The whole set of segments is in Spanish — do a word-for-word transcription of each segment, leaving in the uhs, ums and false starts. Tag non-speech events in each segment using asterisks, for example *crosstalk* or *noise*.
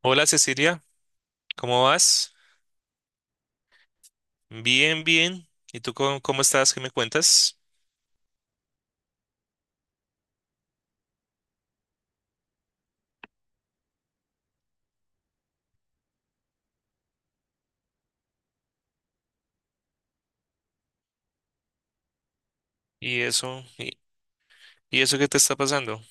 Hola Cecilia, ¿cómo vas? Bien, bien. ¿Y tú cómo, cómo estás? ¿Qué me cuentas? ¿Y eso? ¿Y, y eso qué te está pasando?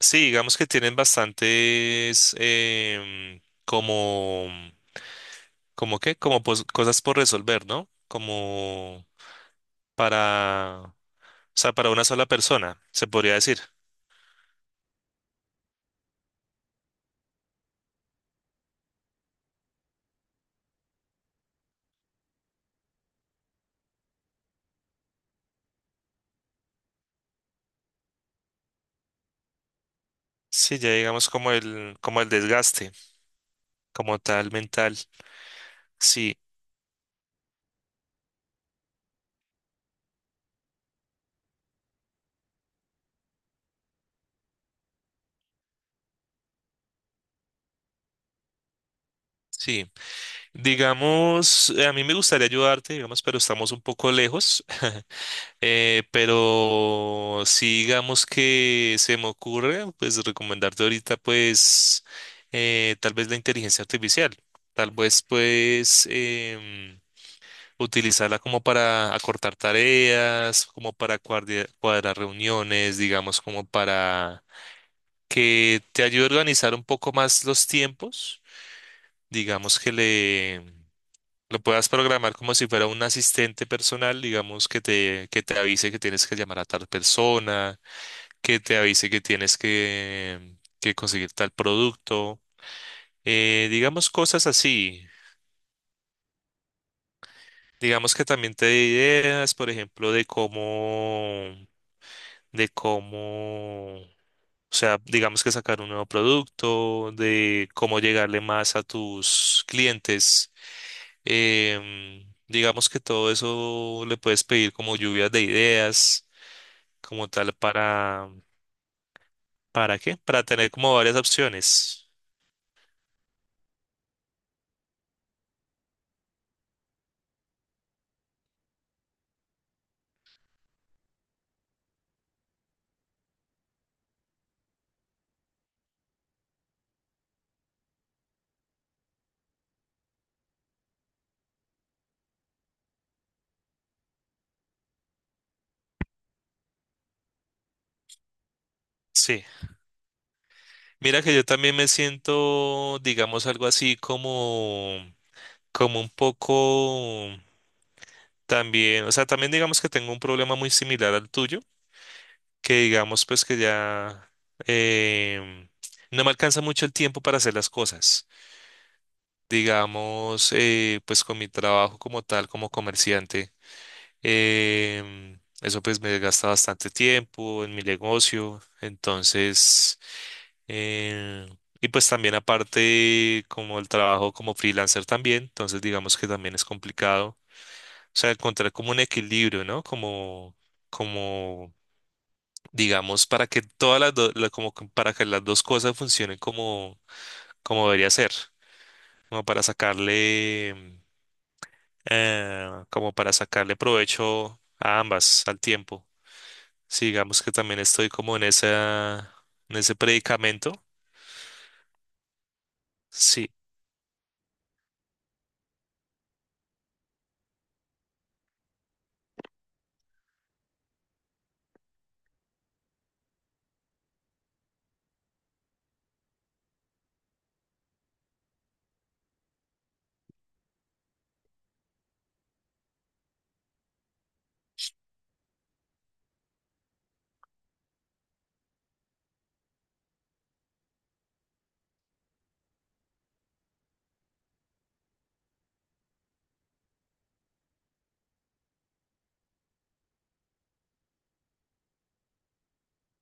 Sí, digamos que tienen bastantes em, como, como qué, como pos- cosas por resolver, ¿no? Como para, o sea, para una sola persona, se podría decir. Sí, ya digamos como el, como el desgaste, como tal mental. Sí, sí. Digamos, eh, a mí me gustaría ayudarte, digamos, pero estamos un poco lejos. *laughs* Eh, pero sí, digamos que se me ocurre, pues recomendarte ahorita, pues, eh, tal vez la inteligencia artificial. Tal vez, pues, em, utilizarla como para acortar tareas, como para cuardia- cuadrar reuniones, digamos, como para que te ayude a organizar un poco más los tiempos. Digamos que le lo puedas programar como si fuera un asistente personal, digamos, que te, que te avise que tienes que llamar a tal persona, que te avise que tienes que, que conseguir tal producto. Eh, digamos cosas así. Digamos que también te dé ideas, por ejemplo, de cómo, de cómo, o sea, digamos que sacar un nuevo producto, de cómo llegarle más a tus clientes. Em, digamos que todo eso le puedes pedir como lluvias de ideas, como tal, para, ¿para qué? Para tener como varias opciones. Sí. Mira que yo también me siento, digamos, algo así como, como un poco también, o sea, también digamos que tengo un problema muy similar al tuyo, que digamos pues que ya em, no me alcanza mucho el tiempo para hacer las cosas. Digamos, eh, pues con mi trabajo como tal, como comerciante. Em, eso pues me gasta bastante tiempo en mi negocio. Entonces, eh, y pues también aparte como el trabajo como freelancer también, entonces digamos que también es complicado. O sea, encontrar como un equilibrio, ¿no? Como, como, digamos, para que todas las dos, como que para que las dos cosas funcionen como, como debería ser, como para sacarle, eh, como para sacarle provecho a ambas al tiempo. Sí, digamos que también estoy como en esa, en ese predicamento. Sí,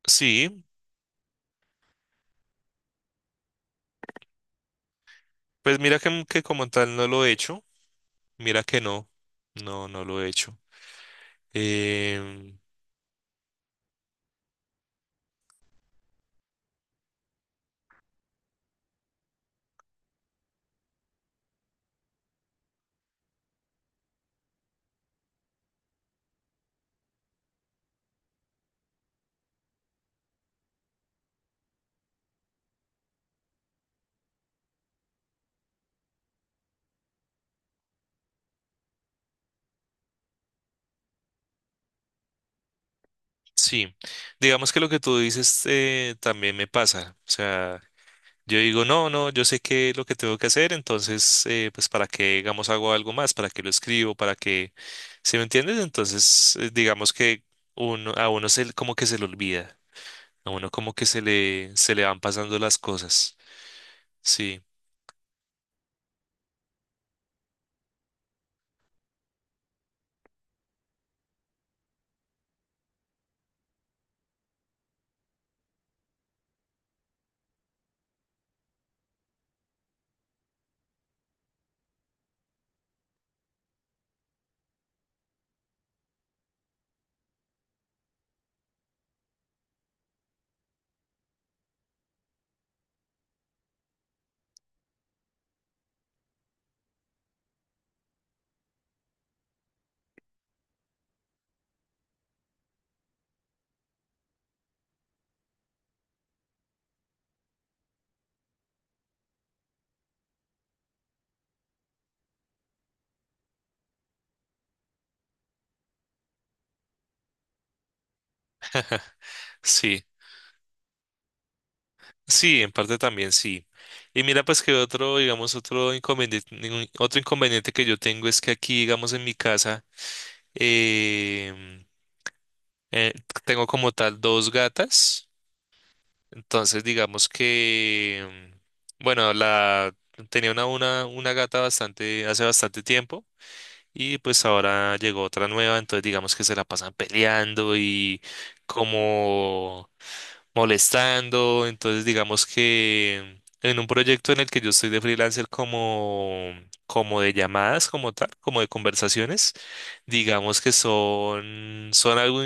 sí, pues mira que, que como tal no lo he hecho, mira que no, no, no lo he hecho. Em, sí, digamos que lo que tú dices eh, también me pasa, o sea, yo digo, no, no, yo sé qué es lo que tengo que hacer, entonces, eh, pues para qué, digamos, hago algo más, para qué lo escribo, para qué, ¿sí me entiendes? Entonces, eh, digamos que uno, a uno se, como que se le olvida. A uno como que se le, se le van pasando las cosas. Sí, sí, sí, en parte también sí. Y mira, pues que otro, digamos, otro inconveniente, otro inconveniente que yo tengo es que aquí, digamos, en mi casa, em, eh, tengo como tal dos gatas. Entonces, digamos que, mm, bueno, la tenía una, una, una gata bastante, hace bastante tiempo. Y pues ahora llegó otra nueva, entonces digamos que se la pasan peleando y como molestando. Entonces, digamos que en un proyecto en el que yo estoy de freelancer como, como de llamadas, como tal, como de conversaciones, digamos que son, son algo, o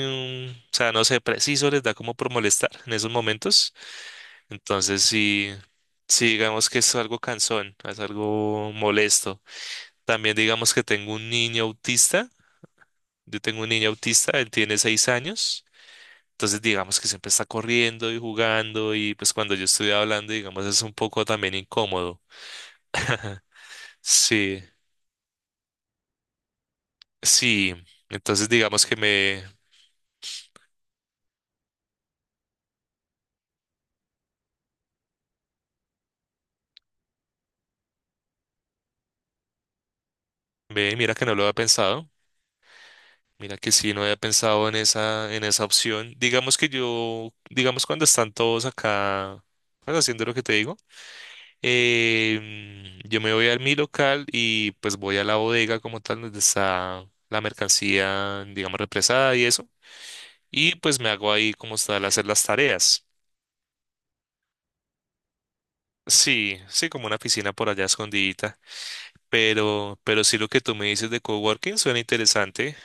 sea, no sé, preciso, les da como por molestar en esos momentos. Entonces, sí. Sí, digamos que es algo cansón, es algo molesto. También digamos que tengo un niño autista. Yo tengo un niño autista, él tiene seis años. Entonces, digamos que siempre está corriendo y jugando y pues cuando yo estoy hablando, digamos, es un poco también incómodo. *laughs* Sí, sí. Entonces, digamos que me, ve, mira que no lo había pensado. Mira que sí, no había pensado en esa, en esa opción. Digamos que yo, digamos cuando están todos acá, pues, haciendo lo que te digo, eh, yo me voy a mi local y pues voy a la bodega como tal donde está la mercancía, digamos, represada y eso. Y pues me hago ahí como tal hacer las tareas. Sí, sí, como una oficina por allá escondidita. Pero, pero sí lo que tú me dices de coworking suena interesante.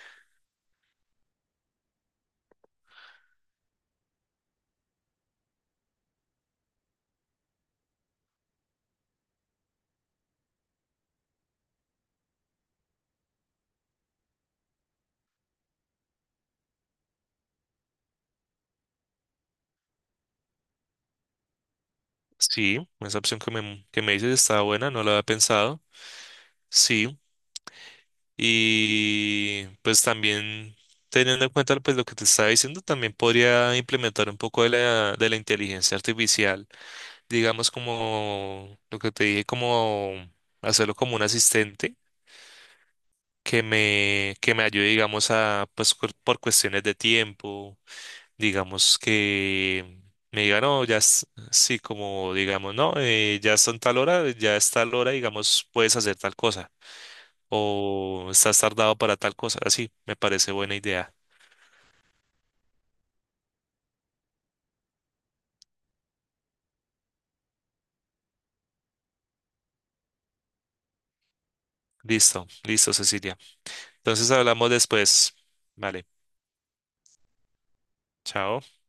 Sí, esa opción que me, que me dices está buena, no la había pensado. Sí, y pues también teniendo en cuenta pues lo que te estaba diciendo, también podría implementar un poco de la, de la inteligencia artificial. Digamos como lo que te dije, como hacerlo como un asistente que me, que me ayude, digamos, a, pues cu- por cuestiones de tiempo, digamos que me diga, no, ya, es- sí, como digamos, no, eh, ya son tal hora, ya es tal hora, digamos, puedes hacer tal cosa o estás tardado para tal cosa, así, me parece buena idea. Listo, listo, Cecilia. Entonces hablamos después. Vale, chao.